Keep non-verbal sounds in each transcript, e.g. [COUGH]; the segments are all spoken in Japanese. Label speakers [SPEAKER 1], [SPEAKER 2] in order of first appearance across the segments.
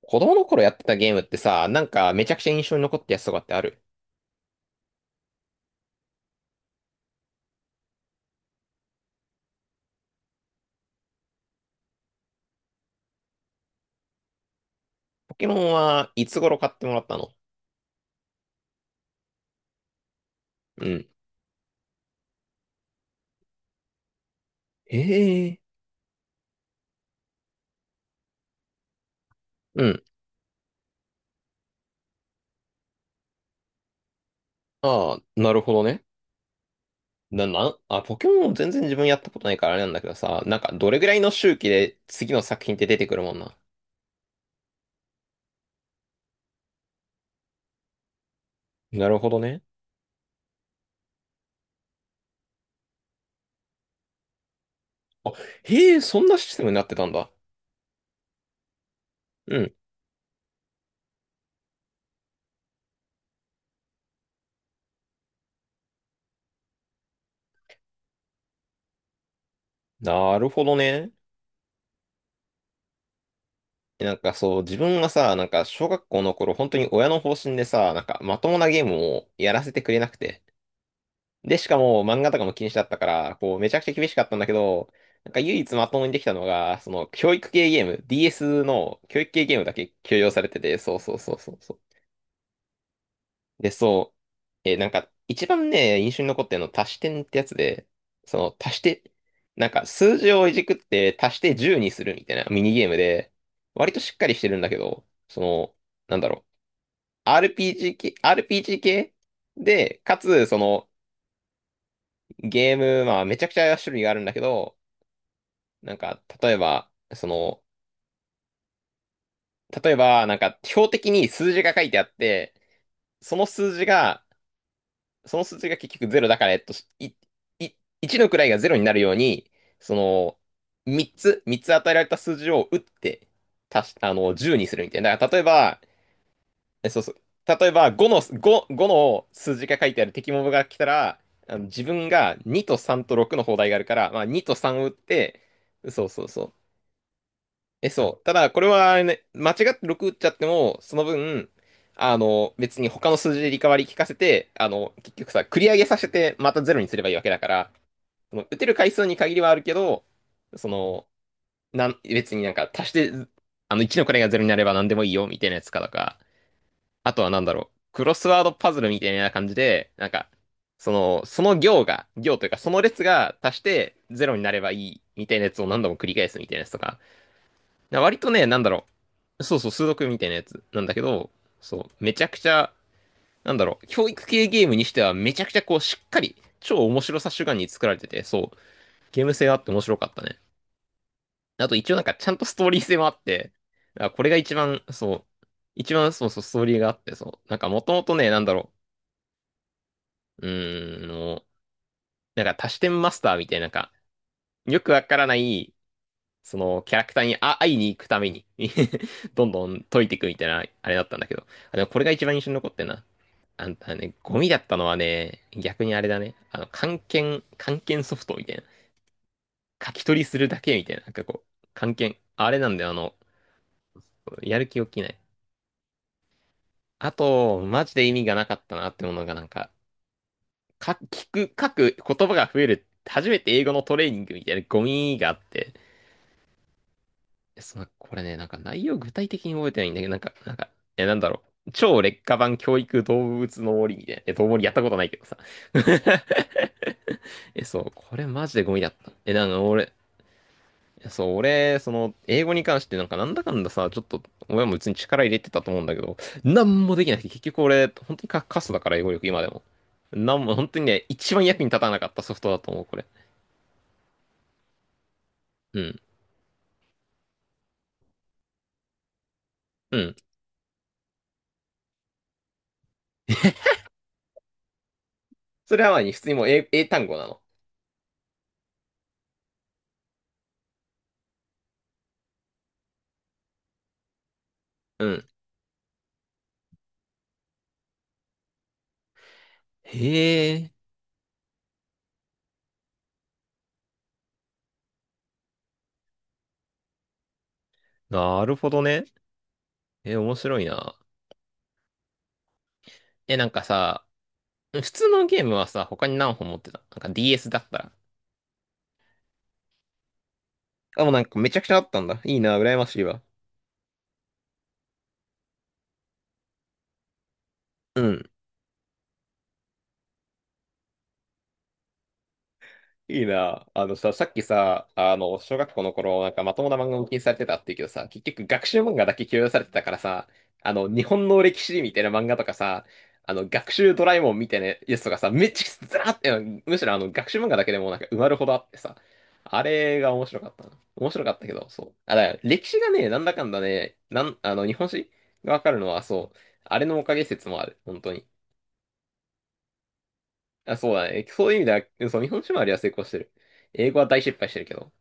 [SPEAKER 1] 子供の頃やってたゲームってさ、なんかめちゃくちゃ印象に残ったやつとかってある？ポケモンはいつ頃買ってもらったの？うん。へえ。うん。ああ、なるほどね。な、な、あ、ポケモン全然自分やったことないからあれなんだけどさ、なんかどれぐらいの周期で次の作品って出てくるもんな？なるほどね。あ、へえ、そんなシステムになってたんだ。うん。なるほどね。なんかそう、自分がさ、なんか小学校の頃、本当に親の方針でさ、なんかまともなゲームをやらせてくれなくて。で、しかも漫画とかも禁止だったから、こう、めちゃくちゃ厳しかったんだけど、なんか唯一まともにできたのが、その、教育系ゲーム、DS の教育系ゲームだけ許容されてて、そうそうそうそうそう。で、そう、なんか、一番ね、印象に残ってるの、足し点ってやつで、その、足して、なんか、数字をいじくって足して10にするみたいなミニゲームで、割としっかりしてるんだけど、その、なんだろう、RPG 系で、かつ、その、ゲーム、まあ、めちゃくちゃ種類があるんだけど、なんか、例えば、その、例えば、なんか、標的に数字が書いてあって、その数字が、その数字が結局ゼロだから、えっと、い、い、1の位がゼロになるように、その、3つ与えられた数字を打って、足し、あの、10にするみたいな。だから、例えば、えそうそう。例えば、5の数字が書いてある敵モブが来たら、あの自分が2と3と6の砲台があるから、まあ、2と3を打って、そうそうそう。え、そう。ただ、これはね、間違って6打っちゃっても、その分、あの、別に他の数字でリカバリー効かせて、あの、結局さ、繰り上げさせて、またゼロにすればいいわけだから、その、打てる回数に限りはあるけど、その、なん、別になんか足して、あの、1の位がゼロになれば何でもいいよ、みたいなやつかとか、あとはなんだろう、クロスワードパズルみたいな感じで、なんか、その、その行が、行というか、その列が足してゼロになればいい、みたいなやつを何度も繰り返すみたいなやつとか、割とね、なんだろう、そうそう、数独みたいなやつなんだけど、そう、めちゃくちゃ、なんだろう、教育系ゲームにしてはめちゃくちゃこう、しっかり、超面白さ主眼に作られてて、そう、ゲーム性があって面白かったね。あと一応なんかちゃんとストーリー性もあって、あ、これが一番、そう、一番そうそう、ストーリーがあって、そう、なんかもともとね、なんだろう、うーん、もう、なんか多視点マスターみたいな、なんか、よくわからない、そのキャラクターにあ会いに行くために [LAUGHS] どんどん解いていくみたいな、あれだったんだけど、あ、でもこれが一番印象に残ってんな。あんたね、ゴミだったのはね、逆にあれだね。あの、漢検、漢検ソフトみたいな。書き取りするだけみたいな。なんかこう、漢検。あれなんだよ、あの、やる気起きない。あと、マジで意味がなかったなってものがなんか、聞く、書く言葉が増える。初めて英語のトレーニングみたいなゴミがあって。その、これね、なんか内容具体的に覚えてないんだけど、なんか、なんか、え、なんだろう。超劣化版教育動物の森みたいな。え、動物やったことないけどさ。[LAUGHS] え、そう、これマジでゴミだった。え、なんか俺、いや、そう、俺、その、英語に関してなんかなんだかんださ、ちょっと、親も別に力入れてたと思うんだけど、なんもできなくて、結局俺、本当にカカスだから、英語力、今でも。なんも、本当にね、一番役に立たなかったソフトだと思う、これ。うん。うん。[LAUGHS] それはまあ普通にもう英単語なの。うん。へえ、なるほどね。え、面白いな。え、なんかさ、普通のゲームはさ、他に何本持ってたなんか DS だったら。あ、もうなんかめちゃくちゃあったんだ。いいな、羨ましいわ。うん。いいな。あのさ、さっきさ、あの、小学校の頃、なんかまともな漫画を禁止されてたって言うけどさ、結局学習漫画だけ許容されてたからさ、あの、日本の歴史みたいな漫画とかさ、あの、学習ドラえもんみたいなやつとかさ、めっちゃずらーって、むしろあの、学習漫画だけでもなんか埋まるほどあってさ、あれが面白かったな。面白かったけど、そう。あ、だから歴史がね、なんだかんだね、あの、日本史がわかるのは、そう、あれのおかげ説もある、本当に。あ、そうだね。そういう意味では、そう、日本史周りは成功してる。英語は大失敗してるけど。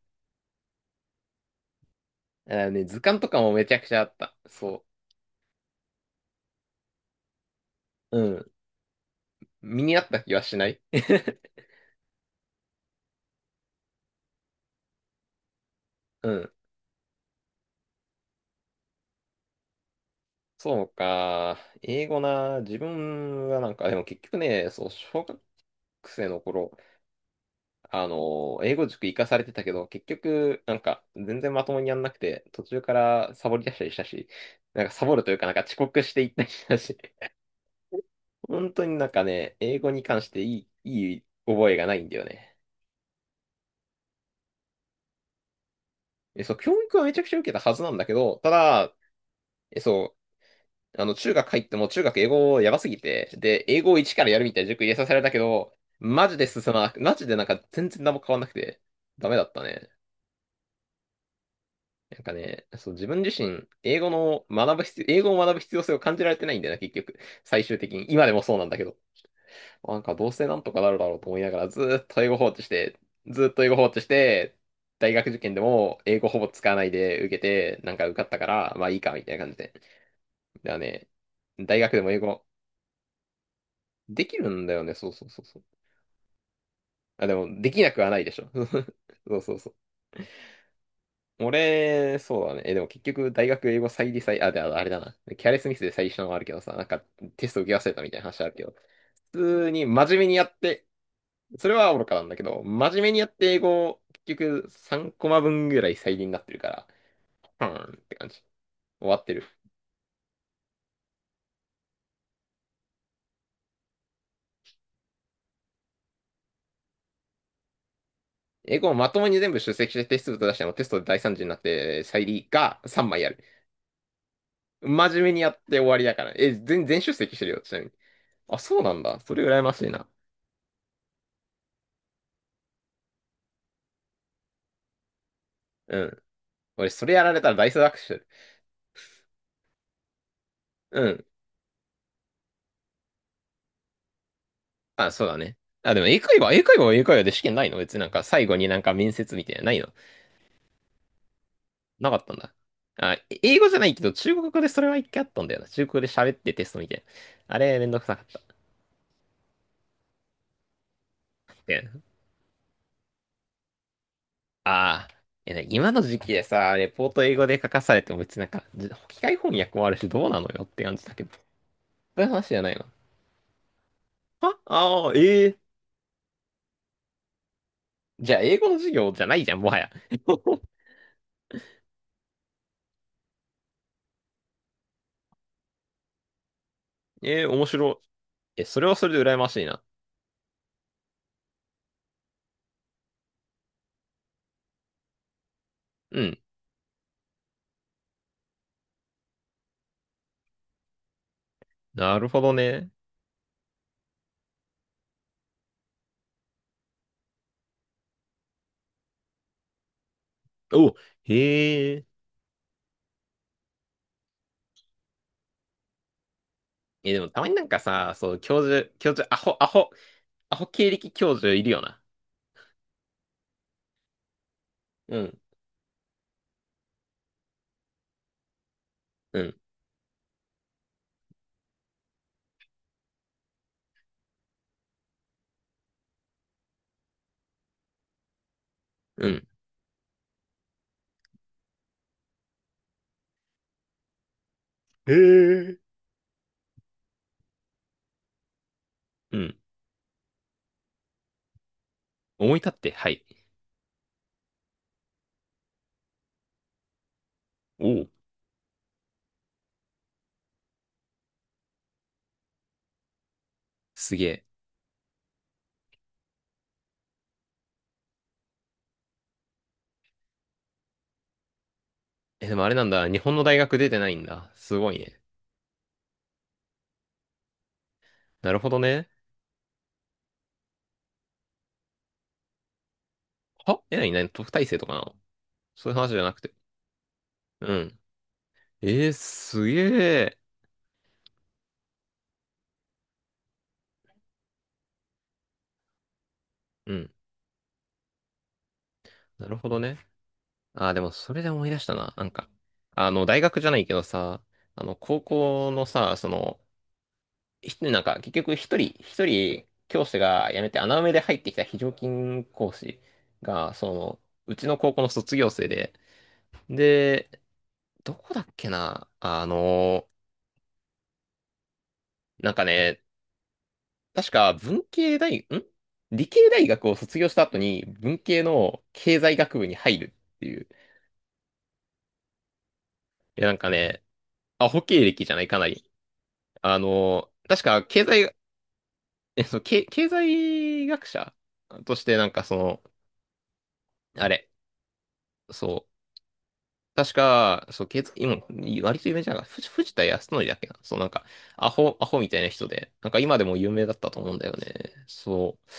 [SPEAKER 1] あね、図鑑とかもめちゃくちゃあった。そう。うん。身に合った気はしない [LAUGHS] うん。そうか。英語な。自分はなんか、でも結局ね、そう、小学生の頃、あの、英語塾行かされてたけど、結局、なんか、全然まともにやんなくて、途中からサボり出したりしたし、なんかサボるというか、なんか遅刻していったりしたし、[LAUGHS] 本当になんかね、英語に関していい覚えがないんだよね。え、そう、教育はめちゃくちゃ受けたはずなんだけど、ただ、え、そう、あの、中学入っても中学英語やばすぎて、で、英語を一からやるみたいな塾入れさせられたけど、マジで進まなく、マジでなんか全然何も変わんなくて、ダメだったね。なんかね、そう、自分自身、英語の学ぶ必要、英語を学ぶ必要性を感じられてないんだよな、結局。最終的に。今でもそうなんだけど。なんかどうせなんとかなるだろうと思いながら、ずーっと英語放置して、ずーっと英語放置して、大学受験でも英語ほぼ使わないで受けて、なんか受かったから、まあいいか、みたいな感じで。だからね、大学でも英語、できるんだよね、そうそうそうそう。あ、でも、できなくはないでしょ。[LAUGHS] そうそうそう。俺、そうだね。え、でも結局、大学英語再利再、あ、で、ああれだな。キャレスミスで再利したのもあるけどさ、なんか、テスト受け忘れたみたいな話あるけど、普通に真面目にやって、それは愚かなんだけど、真面目にやって英語を、結局、3コマ分ぐらい再利になってるから、うーんって感じ。終わってる。英語をまともに全部出席してテスト出してもテストで大惨事になって再利が3枚ある。真面目にやって終わりだから。え、全出席してるよ、ちなみに。あ、そうなんだ。それ羨ましいな。うん。俺、それやられたらダイス学習。うん。あ、そうだね。あ、でも英会話、英会話は英会話で試験ないの、別になんか最後になんか面接みたいなのないの、なかったんだ。あ、英語じゃないけど、中国語でそれは一回あったんだよな。中国語で喋ってテストみたいな。あれ、めんどくさかった。で、ああ、え、ね、今の時期でさ、レポート英語で書かされても別になんか、機械翻訳もあるしどうなのよって感じだけど。そういう話じゃないの。はああー、ええ、じゃあ英語の授業じゃないじゃん、もはや。[LAUGHS] ええ、面白い。え、それはそれで羨ましいな。うん。なるほどね。お、へえ。え、でもたまになんかさ、そう、教授、教授、アホ、アホ、アホ経歴教授いるよな。うん、うん、うん。へえ。うん。思い立って、はい。おう、すげえ。え、でもあれなんだ。日本の大学出てないんだ。すごいね。なるほどね。はえ、なになに、特待生とかなの、そういう話じゃなくて。うん。すげえ。うん。なるほどね。ああ、でもそれで思い出したな。なんか、あの、大学じゃないけどさ、あの、高校のさ、その、なんか、結局一人、教師が辞めて穴埋めで入ってきた非常勤講師が、その、うちの高校の卒業生で、どこだっけな、あの、なんかね、確か文系大、ん理系大学を卒業した後に文系の経済学部に入るっていう。いや、なんかね、アホ経歴じゃないかなり。あの、確か経済、[LAUGHS] え、その、経済学者としてなんかその、あれ、そう、確か、そう、経済、今、割と有名じゃない、藤田康則だっけな。そう、なんか、アホみたいな人で、なんか今でも有名だったと思うんだよね。そう。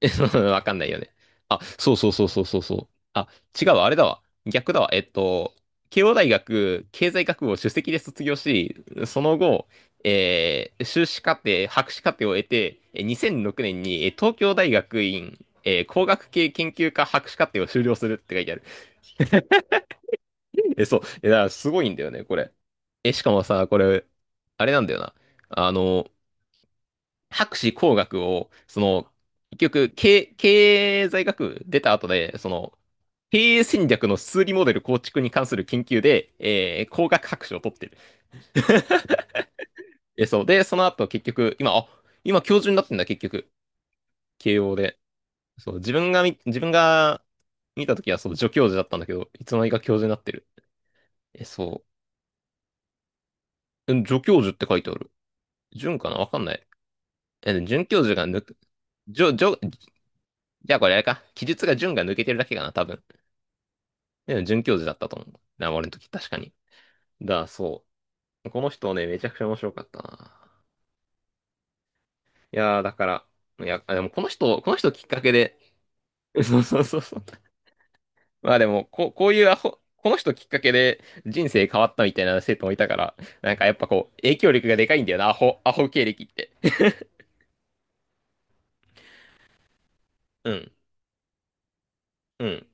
[SPEAKER 1] [LAUGHS] わかんないよね。あ、そうそうそうそうそうそう。あ、違うわ、あれだわ。逆だわ。慶応大学経済学部を首席で卒業し、その後、修士課程、博士課程を得て、2006年に東京大学院、工学系研究科博士課程を修了するって書いてある。[LAUGHS] え、そう。え、だからすごいんだよね、これ。え、しかもさ、これ、あれなんだよな。あの、博士工学を、その、結局、経済学部出た後で、その、経営戦略の数理モデル構築に関する研究で、工学博士を取ってる。[LAUGHS] え、そう。で、その後結局、今教授になってんだ、結局。慶応で。そう、自分が見たときは、そう、助教授だったんだけど、いつの間にか教授になってる。え、そう。うん、助教授って書いてある。準かなわかんない。え、準教授が抜く。じょ、じょ、じゃあこれあれか。記述が準が抜けてるだけかな、多分。で、準教授だったと思うな、俺の時、確かに。そう。この人ね、めちゃくちゃ面白かったな。いやー、だから、いや、あ、でもこの人、きっかけで、[LAUGHS] そうそうそうそう。まあでも、こういうアホ、この人きっかけで人生変わったみたいな生徒もいたから、なんかやっぱこう、影響力がでかいんだよな、アホ、アホ経歴って。うん、うん。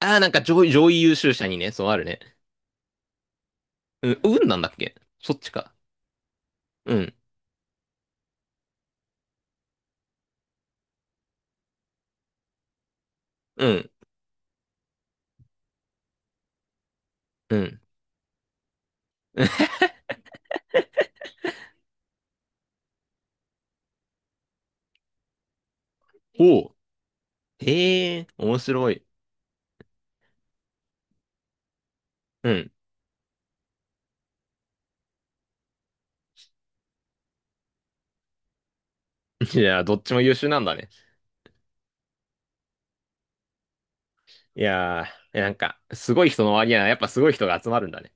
[SPEAKER 1] ああ、なんか上位優秀者にね、そう、あるね。うん、運なんだっけ、そっちか。うん、うん、うん。[LAUGHS] おう。へえ、面白い。うん。いやー、どっちも優秀なんだね。いやー、なんか、すごい人の割には、やっぱすごい人が集まるんだね。